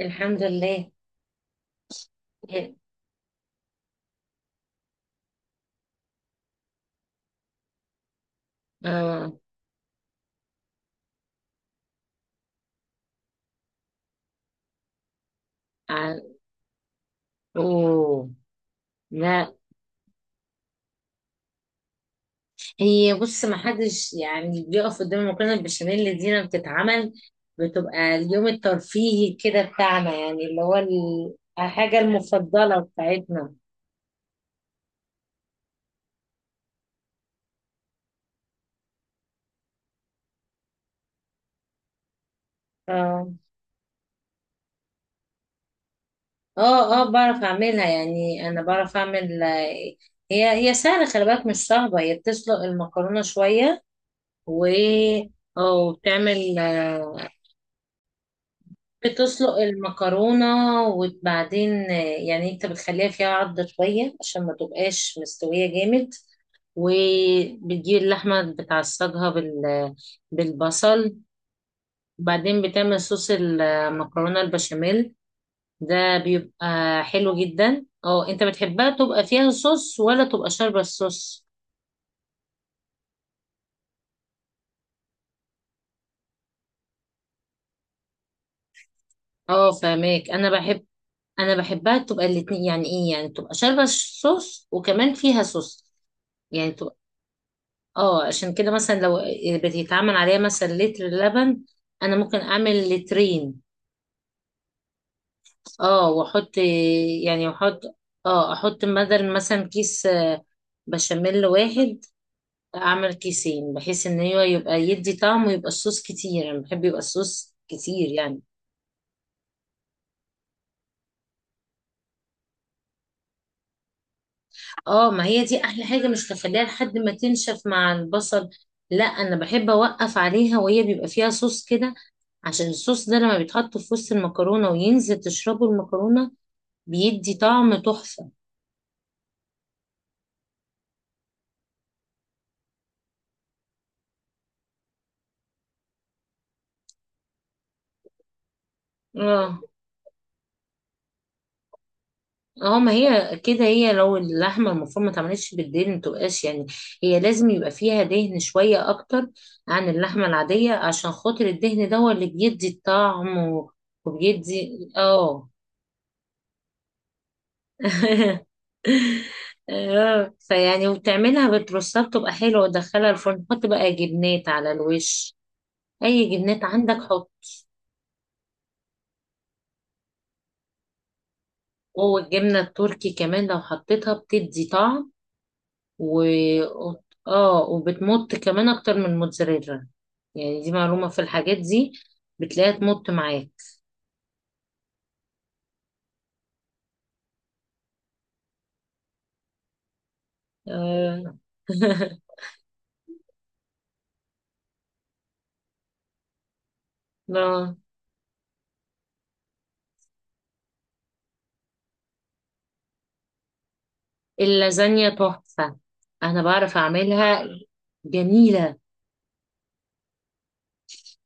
الحمد لله. اه ع- اوه. لا، هي بص، ما حدش يعني بيقف قدام المكرونه البشاميل اللي دينا بتتعمل، بتبقى اليوم الترفيهي كده بتاعنا، يعني اللي هو الحاجه المفضله بتاعتنا. اه اه، اه بعرف اعملها، يعني انا بعرف اعمل. هي سهله، خلي بالك مش صعبه، هي بتسلق المكرونه شويه و اه وبتعمل، بتسلق المكرونة، وبعدين يعني انت بتخليها فيها عضة شوية عشان ما تبقاش مستوية جامد، وبتجيب اللحمة بتعصجها بالبصل، وبعدين بتعمل صوص المكرونة البشاميل، ده بيبقى حلو جدا. اه، انت بتحبها تبقى فيها صوص ولا تبقى شاربة الصوص؟ اه فاهمك، انا بحب، انا بحبها تبقى الاتنين، يعني ايه، يعني تبقى شاربة الصوص وكمان فيها صوص يعني. اه، عشان كده مثلا لو بتتعمل عليها مثلا لتر لبن، انا ممكن اعمل لترين. اه واحط يعني احط اه احط بدل مثلا كيس بشاميل واحد، اعمل كيسين، بحيث ان هو يبقى يدي طعم ويبقى الصوص كتير، انا بحب يبقى الصوص كتير يعني. اه، ما هي دي احلى حاجة، مش تخليها لحد ما تنشف مع البصل. لا، انا بحب اوقف عليها وهي بيبقى فيها صوص كده، عشان الصوص ده لما بيتحط في وسط المكرونة وينزل تشربه المكرونة، بيدي طعم تحفة. اه اه، ما هي كده، هي لو اللحمة المفرومة ما اتعملتش بالدهن، متبقاش يعني، هي لازم يبقى فيها دهن شوية أكتر عن اللحمة العادية، عشان خاطر الدهن ده هو اللي بيدي الطعم، وبيدي اه اه، فيعني وبتعملها بترصها، بتبقى حلوة، وتدخلها الفرن، حط بقى جبنات على الوش، أي جبنات عندك حط. جوه، الجبنة التركي كمان لو حطيتها بتدي طعم، و اه وبتمط كمان اكتر من الموتزاريلا، يعني دي معلومة، في الحاجات دي بتلاقيها تمط معاك. آه. آه. اللازانيا تحفة، انا بعرف اعملها، جميلة.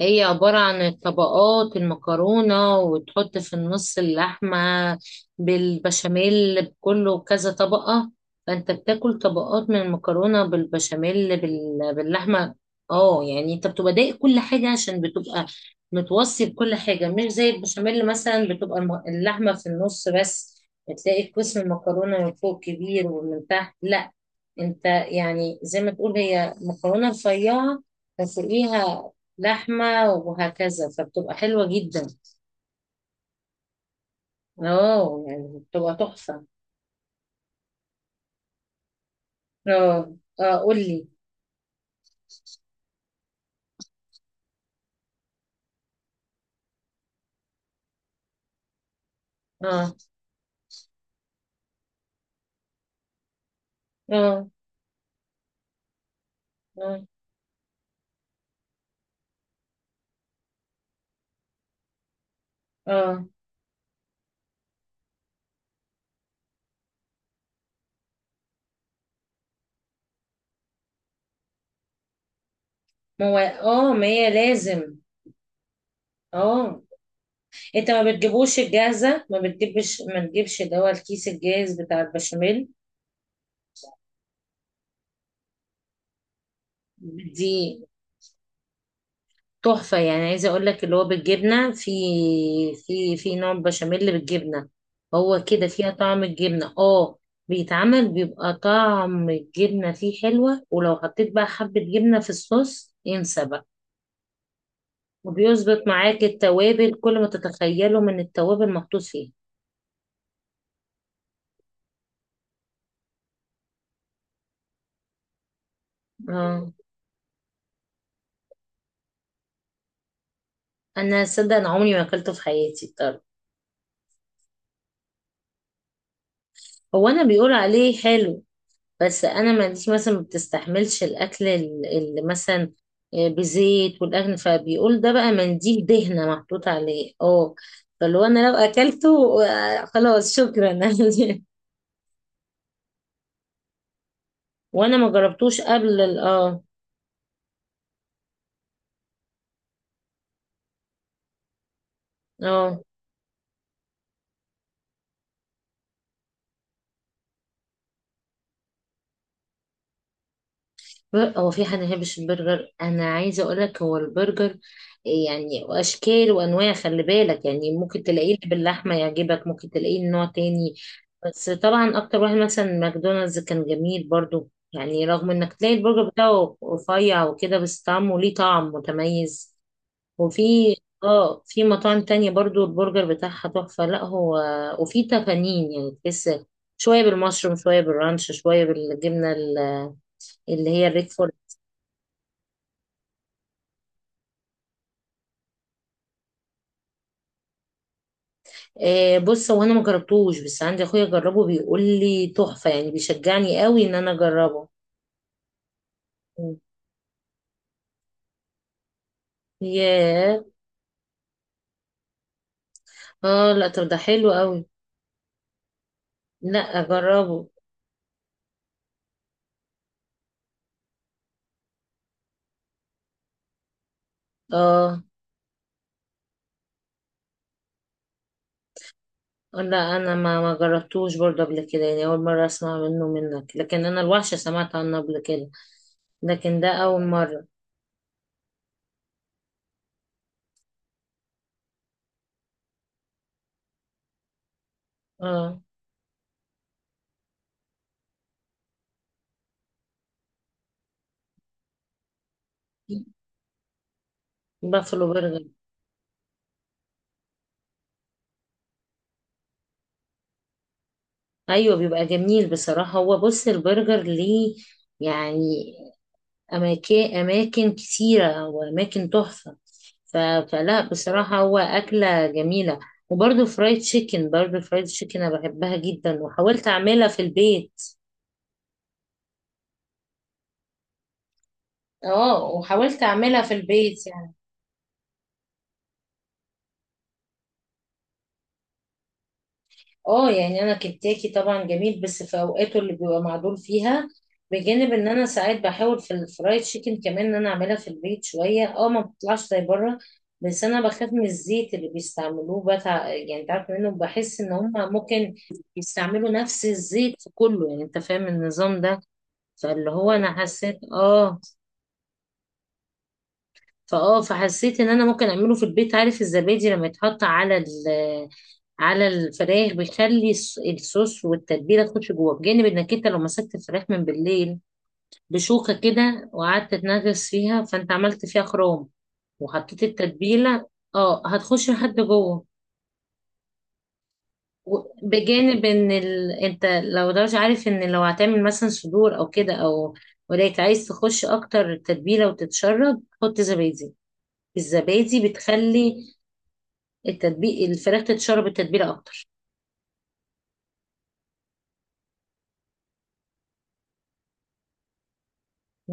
هي عبارة عن طبقات المكرونة، وتحط في النص اللحمة بالبشاميل، بكله كذا طبقة، فأنت بتاكل طبقات من المكرونة بالبشاميل باللحمة. اه، يعني انت بتبقى دايق كل حاجة عشان بتبقى متوصي بكل حاجة، مش زي البشاميل مثلا بتبقى اللحمة في النص بس، بتلاقي قسم المكرونة من فوق كبير ومن تحت لا، انت يعني زي ما تقول هي مكرونة رفيعة، فوقيها لحمة، وهكذا، فبتبقى حلوة جدا. اه يعني بتبقى تحفة. اه، قولي. اه اه اه اه. ما هي لازم. اه، انت ما بتجيبوش الجاهزة؟ ما تجيبش اللي هو الكيس الجاهز بتاع البشاميل. دي تحفة، يعني عايزة اقول لك اللي هو بالجبنة، في نوع بشاميل بالجبنة، هو كده فيها طعم الجبنة. اه، بيتعمل، بيبقى طعم الجبنة فيه حلوة، ولو حطيت بقى حبة جبنة في الصوص، انسى بقى، وبيظبط معاك التوابل، كل ما تتخيله من التوابل محطوط فيه. اه، انا صدق انا عمري ما اكلته في حياتي. طب هو انا بيقول عليه حلو، بس انا ما عنديش مثلا، ما بتستحملش الاكل اللي مثلا بزيت، والاكل فبيقول ده بقى منديل دهنه محطوط عليه اه. فلو انا لو اكلته، خلاص شكرا. وانا ما جربتوش قبل ال- اه اه هو في حد ما يحبش البرجر؟ انا عايزه اقول لك، هو البرجر يعني اشكال وانواع، خلي بالك، يعني ممكن تلاقيه اللي باللحمه يعجبك، ممكن تلاقيه نوع تاني. بس طبعا اكتر واحد مثلا ماكدونالدز كان جميل برضو، يعني رغم انك تلاقي البرجر بتاعه رفيع وكده، بس طعمه ليه طعم متميز. وفي اه في مطاعم تانية برضو البرجر بتاعها تحفة، لا هو، وفي تفانين، يعني تحس شوية بالمشروم، شوية بالرانش، شوية بالجبنة اللي هي الريكفورد. آه بص، هو انا ما جربتوش، بس عندي اخويا جربه بيقول لي تحفة، يعني بيشجعني قوي ان انا اجربه. ياه. اه، لا طب ده حلو قوي، لا اجربه. اه لا، انا ما جربتوش برضه قبل كده، يعني اول مره اسمع منك، لكن انا الوحشه سمعت عنه قبل كده، لكن ده اول مره. اه، بافلو برجر. ايوه، بيبقى جميل بصراحه، هو بص البرجر ليه يعني اماكن، اماكن كتيره واماكن تحفه، ف... فلا بصراحه هو اكله جميله. وبرضه فرايد تشيكن، انا بحبها جدا وحاولت اعملها في البيت، اه وحاولت اعملها في البيت يعني. اه يعني، انا كنتاكي طبعا جميل، بس في اوقاته اللي بيبقى معدول فيها، بجانب ان انا ساعات بحاول في الفرايد تشيكن كمان ان انا اعملها في البيت شويه، اه ما بتطلعش زي بره، بس انا بخاف من الزيت اللي بيستعملوه بتاع، يعني انت عارف منه، بحس ان هم ممكن يستعملوا نفس الزيت في كله، يعني انت فاهم النظام ده. فاللي هو انا حسيت اه فاه فحسيت ان انا ممكن اعمله في البيت. عارف الزبادي لما يتحط على ال على الفراخ بيخلي الصوص والتتبيله تخش جوه، بجانب انك انت لو مسكت الفراخ من بالليل بشوكه كده، وقعدت تنغص فيها، فانت عملت فيها خروم، وحطيت التتبيله، اه هتخش لحد جوه. بجانب ان انت لو، ده مش عارف، ان لو هتعمل مثلا صدور او كده او، ولكن عايز تخش اكتر تتبيله وتتشرب، حط زبادي. الزبادي بتخلي الفراخ تتشرب التتبيله اكتر.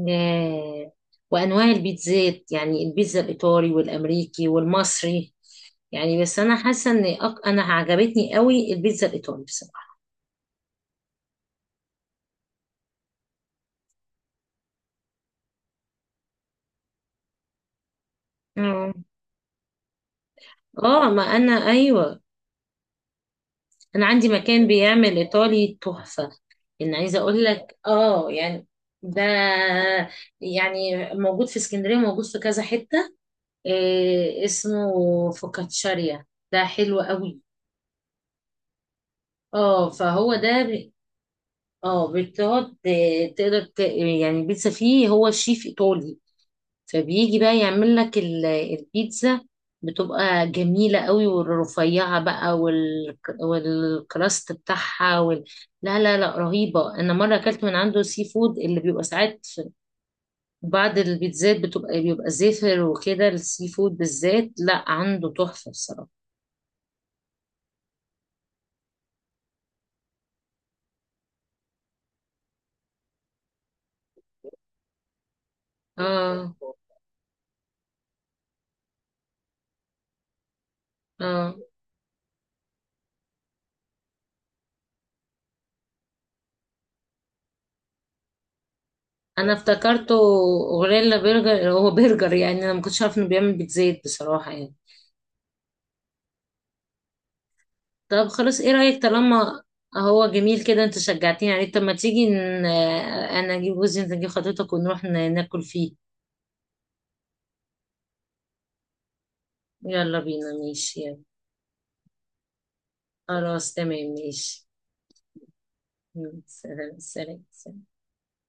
آه، وأنواع البيتزات يعني، البيتزا الإيطالي والأمريكي والمصري، يعني بس أنا حاسة إن أنا عجبتني قوي البيتزا الإيطالي بصراحة. اه آه، ما أنا أيوة، أنا عندي مكان بيعمل إيطالي تحفة، إن عايزة أقول لك آه يعني، ده يعني موجود في اسكندرية، موجود في كذا حتة، اسمه فوكاتشاريا، ده حلو قوي. اه فهو ده. اه، بتقعد، تقدر يعني البيتزا فيه، هو شيف ايطالي، فبيجي بقى يعمل لك البيتزا، بتبقى جميلة قوي، والرفيعة بقى والكراست بتاعها. لا لا لا، رهيبة. انا مرة اكلت من عنده سي فود، اللي بيبقى ساعات في بعض البيتزات بيبقى زفر وكده، السي فود بالذات لا، عنده تحفة بصراحة. اه اه، انا افتكرته، غوريلا برجر، هو برجر، يعني انا ما كنتش عارف انه بيعمل بيتزا بصراحة يعني. طب خلاص، ايه رأيك؟ طالما هو جميل كده، انت شجعتني عليه، طب ما تيجي انا اجيب جوزي، انت تجيب خطيبتك، ونروح ناكل فيه. يلا بينا ماشي، يلا. خلاص تمام ماشي. سلام سلام سلام.